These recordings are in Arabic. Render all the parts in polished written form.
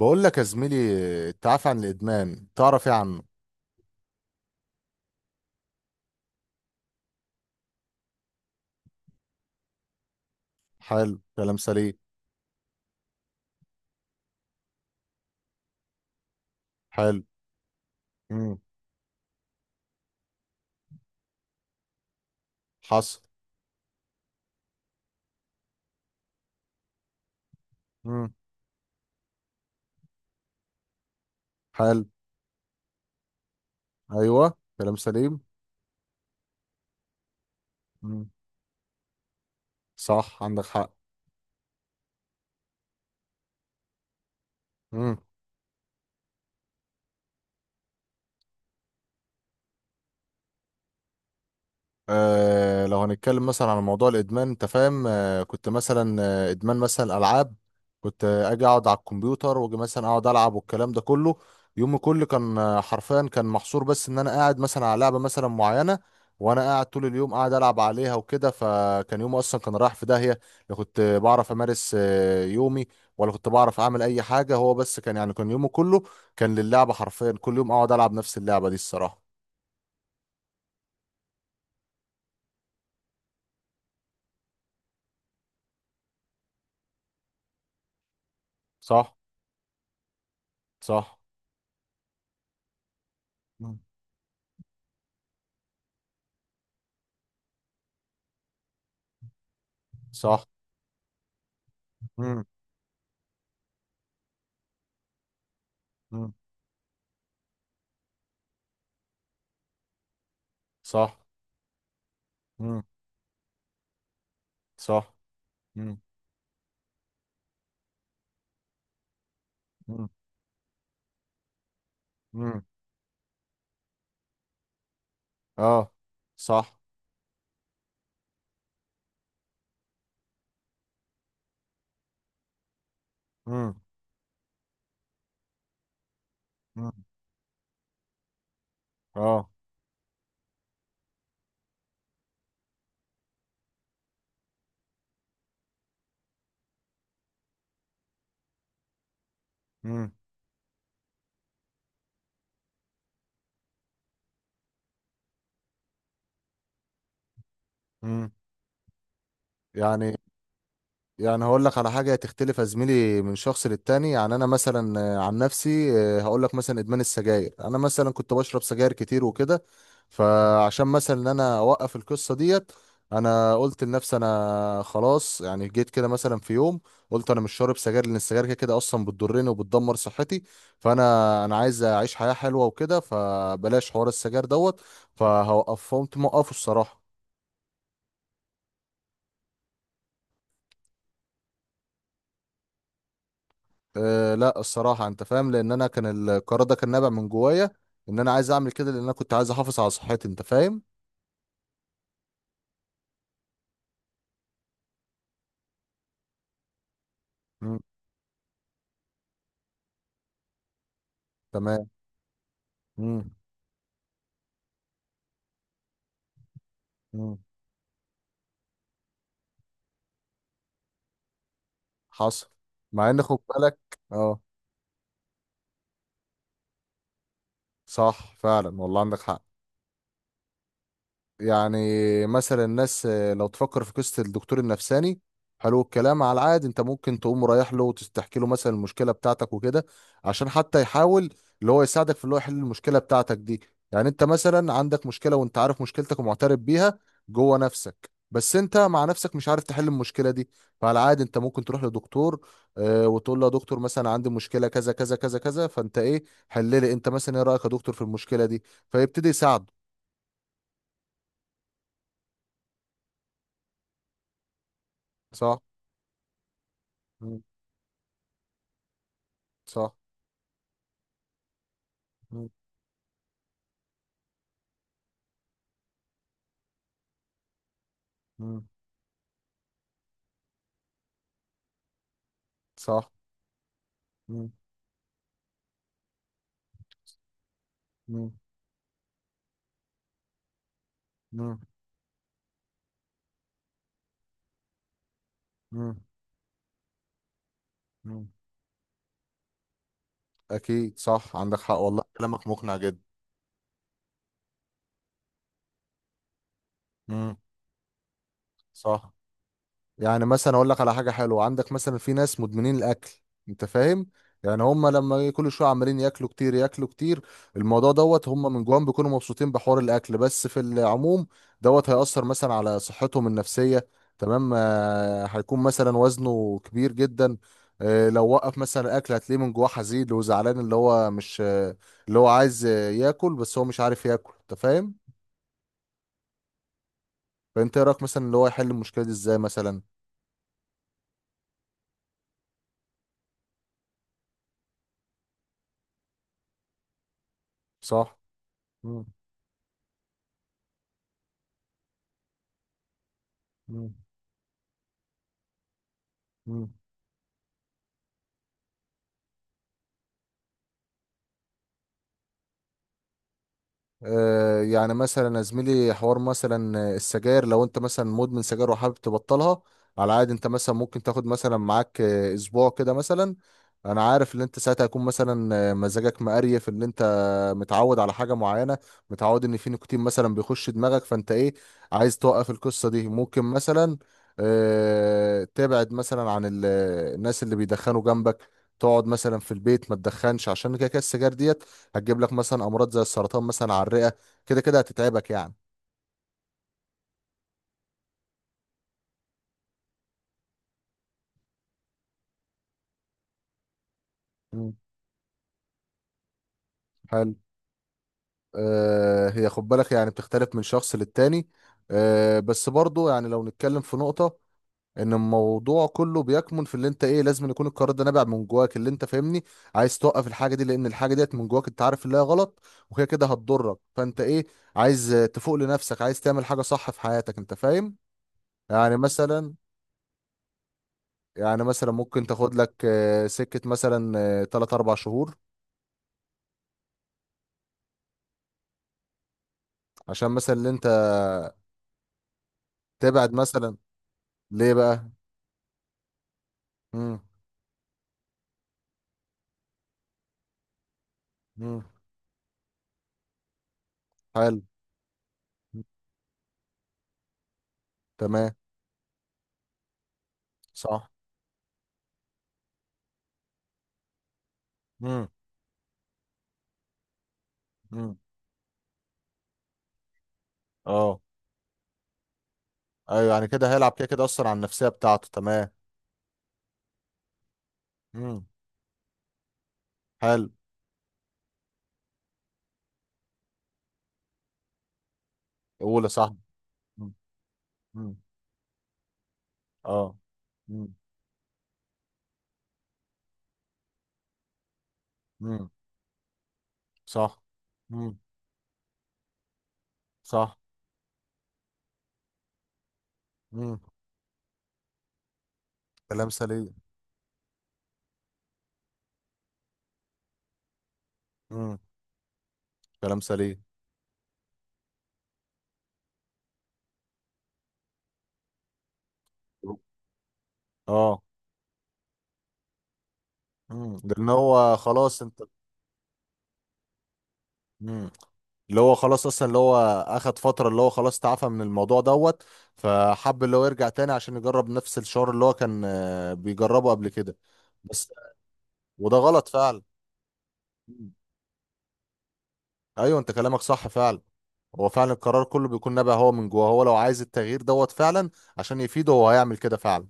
بقول لك يا زميلي، التعافي عن الادمان تعرف ايه عنه؟ حلو، كلام سليم. حلو. امم. حصل. امم. حلو. ايوه، كلام سليم. امم. صح، عندك حق. آه، لو هنتكلم مثلا عن موضوع الادمان، انت فاهم، كنت مثلا ادمان مثلا العاب. كنت اجي اقعد على الكمبيوتر، واجي مثلا اقعد العب والكلام ده كله. يومي كله كان حرفيا كان محصور بس ان انا قاعد مثلا على لعبه مثلا معينه، وانا قاعد طول اليوم قاعد العب عليها وكده، فكان يومي اصلا كان رايح في داهيه. لا كنت بعرف امارس يومي، ولا كنت بعرف اعمل اي حاجه، هو بس كان يعني كان يومي كله كان للعبه، حرفيا كل يوم اقعد العب نفس اللعبه دي الصراحه. صح. صح. مم. صح. مم. مم. صح. مم. صح. مم. مم. مم. اه. صح. مم. مم. اه. مم. مم. يعني يعني هقول لك على حاجة تختلف يا زميلي من شخص للتاني. يعني أنا مثلا عن نفسي، هقول لك مثلا إدمان السجاير. أنا مثلا كنت بشرب سجاير كتير وكده، فعشان مثلا إن أنا أوقف القصة ديت، أنا قلت لنفسي أنا خلاص، يعني جيت كده مثلا في يوم، قلت أنا مش شارب سجاير، لأن السجاير كده كده أصلا بتضرني وبتدمر صحتي. فأنا عايز أعيش حياة حلوة وكده، فبلاش حوار السجاير دوت، فهوقف، فقمت موقفه الصراحة. أه لا، الصراحة انت فاهم، لان انا كان القرار ده كان نابع من جوايا، ان انا عايز اعمل كده، لان انا كنت عايز احافظ على صحتي، انت فاهم. مم. تمام. مم. مم. حصل. مع ان خد بالك. اه. صح فعلا، والله عندك حق. يعني مثلا الناس، لو تفكر في قصة الدكتور النفساني، حلو الكلام. على العاد انت ممكن تقوم رايح له وتحكي له مثلا المشكلة بتاعتك وكده، عشان حتى يحاول اللي هو يساعدك في اللي هو يحل المشكلة بتاعتك دي. يعني انت مثلا عندك مشكلة، وانت عارف مشكلتك ومعترف بيها جوه نفسك، بس انت مع نفسك مش عارف تحل المشكلة دي. فعلى العاد انت ممكن تروح لدكتور، وتقول له يا دكتور مثلا عندي مشكلة كذا كذا كذا كذا، فانت ايه، حل لي، انت مثلا ايه رأيك يا دكتور في المشكلة دي؟ فيبتدي يساعده. صح. مم. صح. مم. مم. صح. مم. مم. مم. مم. مم. أكيد صح، عندك حق والله، كلامك مقنع جدا. مم. صح. يعني مثلا اقول لك على حاجه حلوه، عندك مثلا في ناس مدمنين الاكل، انت فاهم. يعني هم لما كل شويه عمالين ياكلوا كتير، ياكلوا كتير، الموضوع دوت هم من جواهم بيكونوا مبسوطين بحوار الاكل، بس في العموم دوت هيأثر مثلا على صحتهم النفسيه. تمام، هيكون مثلا وزنه كبير جدا. لو وقف مثلا الاكل، هتلاقيه من جواه حزين وزعلان، اللي هو مش اللي هو عايز ياكل بس هو مش عارف ياكل، انت فاهم. فانت إيه رايك مثلا اللي هو يحل المشكله دي ازاي مثلا؟ صح. مم. مم. مم. يعني مثلا يا زميلي حوار مثلا السجاير، لو انت مثلا مدمن سجاير وحابب تبطلها، على عادي انت مثلا ممكن تاخد مثلا معاك اسبوع كده مثلا. انا عارف ان انت ساعتها هيكون مثلا مزاجك مقريف، ان انت متعود على حاجه معينه، متعود ان في نيكوتين مثلا بيخش دماغك، فانت ايه، عايز توقف القصه دي. ممكن مثلا تبعد مثلا عن الناس اللي بيدخنوا جنبك، تقعد مثلا في البيت ما تدخنش، عشان كده كده السجاير دي هتجيب لك مثلا امراض زي السرطان مثلا على الرئه، كده كده هتتعبك يعني. مم. حلو. آه هي خد بالك يعني بتختلف من شخص للتاني. آه بس برضو يعني لو نتكلم في نقطة، ان الموضوع كله بيكمن في اللي انت ايه، لازم يكون القرار ده نابع من جواك، اللي انت فاهمني، عايز توقف الحاجة دي، لان الحاجة ديت من جواك انت عارف اللي هي غلط، وهي كده هتضرك، فانت ايه، عايز تفوق لنفسك، عايز تعمل حاجة صح في حياتك، انت فاهم. يعني مثلا يعني مثلا ممكن تاخد لك سكة مثلا 3 4 شهور، عشان مثلا اللي انت تبعد مثلا. ليه بقى؟ امم. امم. حلو. مم. تمام. صح. امم. امم. اه. ايوه يعني كده هيلعب كده كده اصلا على النفسيه بتاعته، تمام. امم. حلو. اولى صح. امم. امم. اه. امم. امم. صح. امم. صح. امم. كلام سليم. امم. كلام سليم. اه. لان هو خلاص انت. مم. اللي هو خلاص اصلا، اللي هو اخد فترة، اللي هو خلاص تعافى من الموضوع دوت، فحب اللي هو يرجع تاني عشان يجرب نفس الشعور اللي هو كان بيجربه قبل كده، بس. وده غلط فعلا. مم. ايوه انت كلامك صح فعلا. هو فعلا القرار كله بيكون نابع هو من جوه هو، لو عايز التغيير دوت فعلا عشان يفيده، هو هيعمل كده فعلا.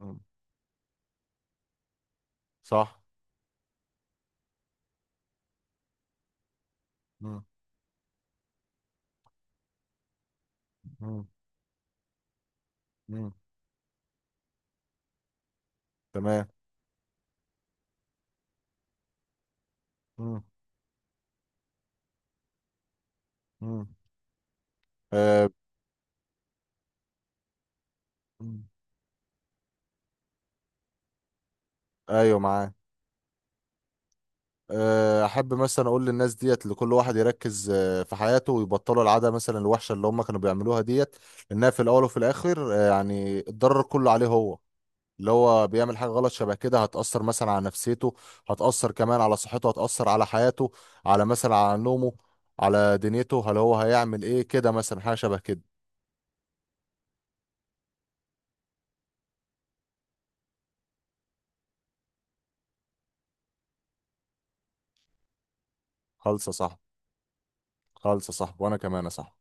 مم. صح. مم. مم. مم. تمام. مم. مم. آه. مم. ايوه، معاك. احب مثلا اقول للناس ديت، لكل واحد يركز في حياته ويبطلوا العاده مثلا الوحشه اللي هم كانوا بيعملوها ديت، لانها في الاول وفي الاخر يعني الضرر كله عليه هو، اللي هو بيعمل حاجه غلط شبه كده هتاثر مثلا على نفسيته، هتاثر كمان على صحته، هتاثر على حياته، على مثلا على نومه، على دنيته. هل هو هيعمل ايه كده مثلا حاجه شبه كده؟ خالصه صح. خالصه صح، وانا كمان صح.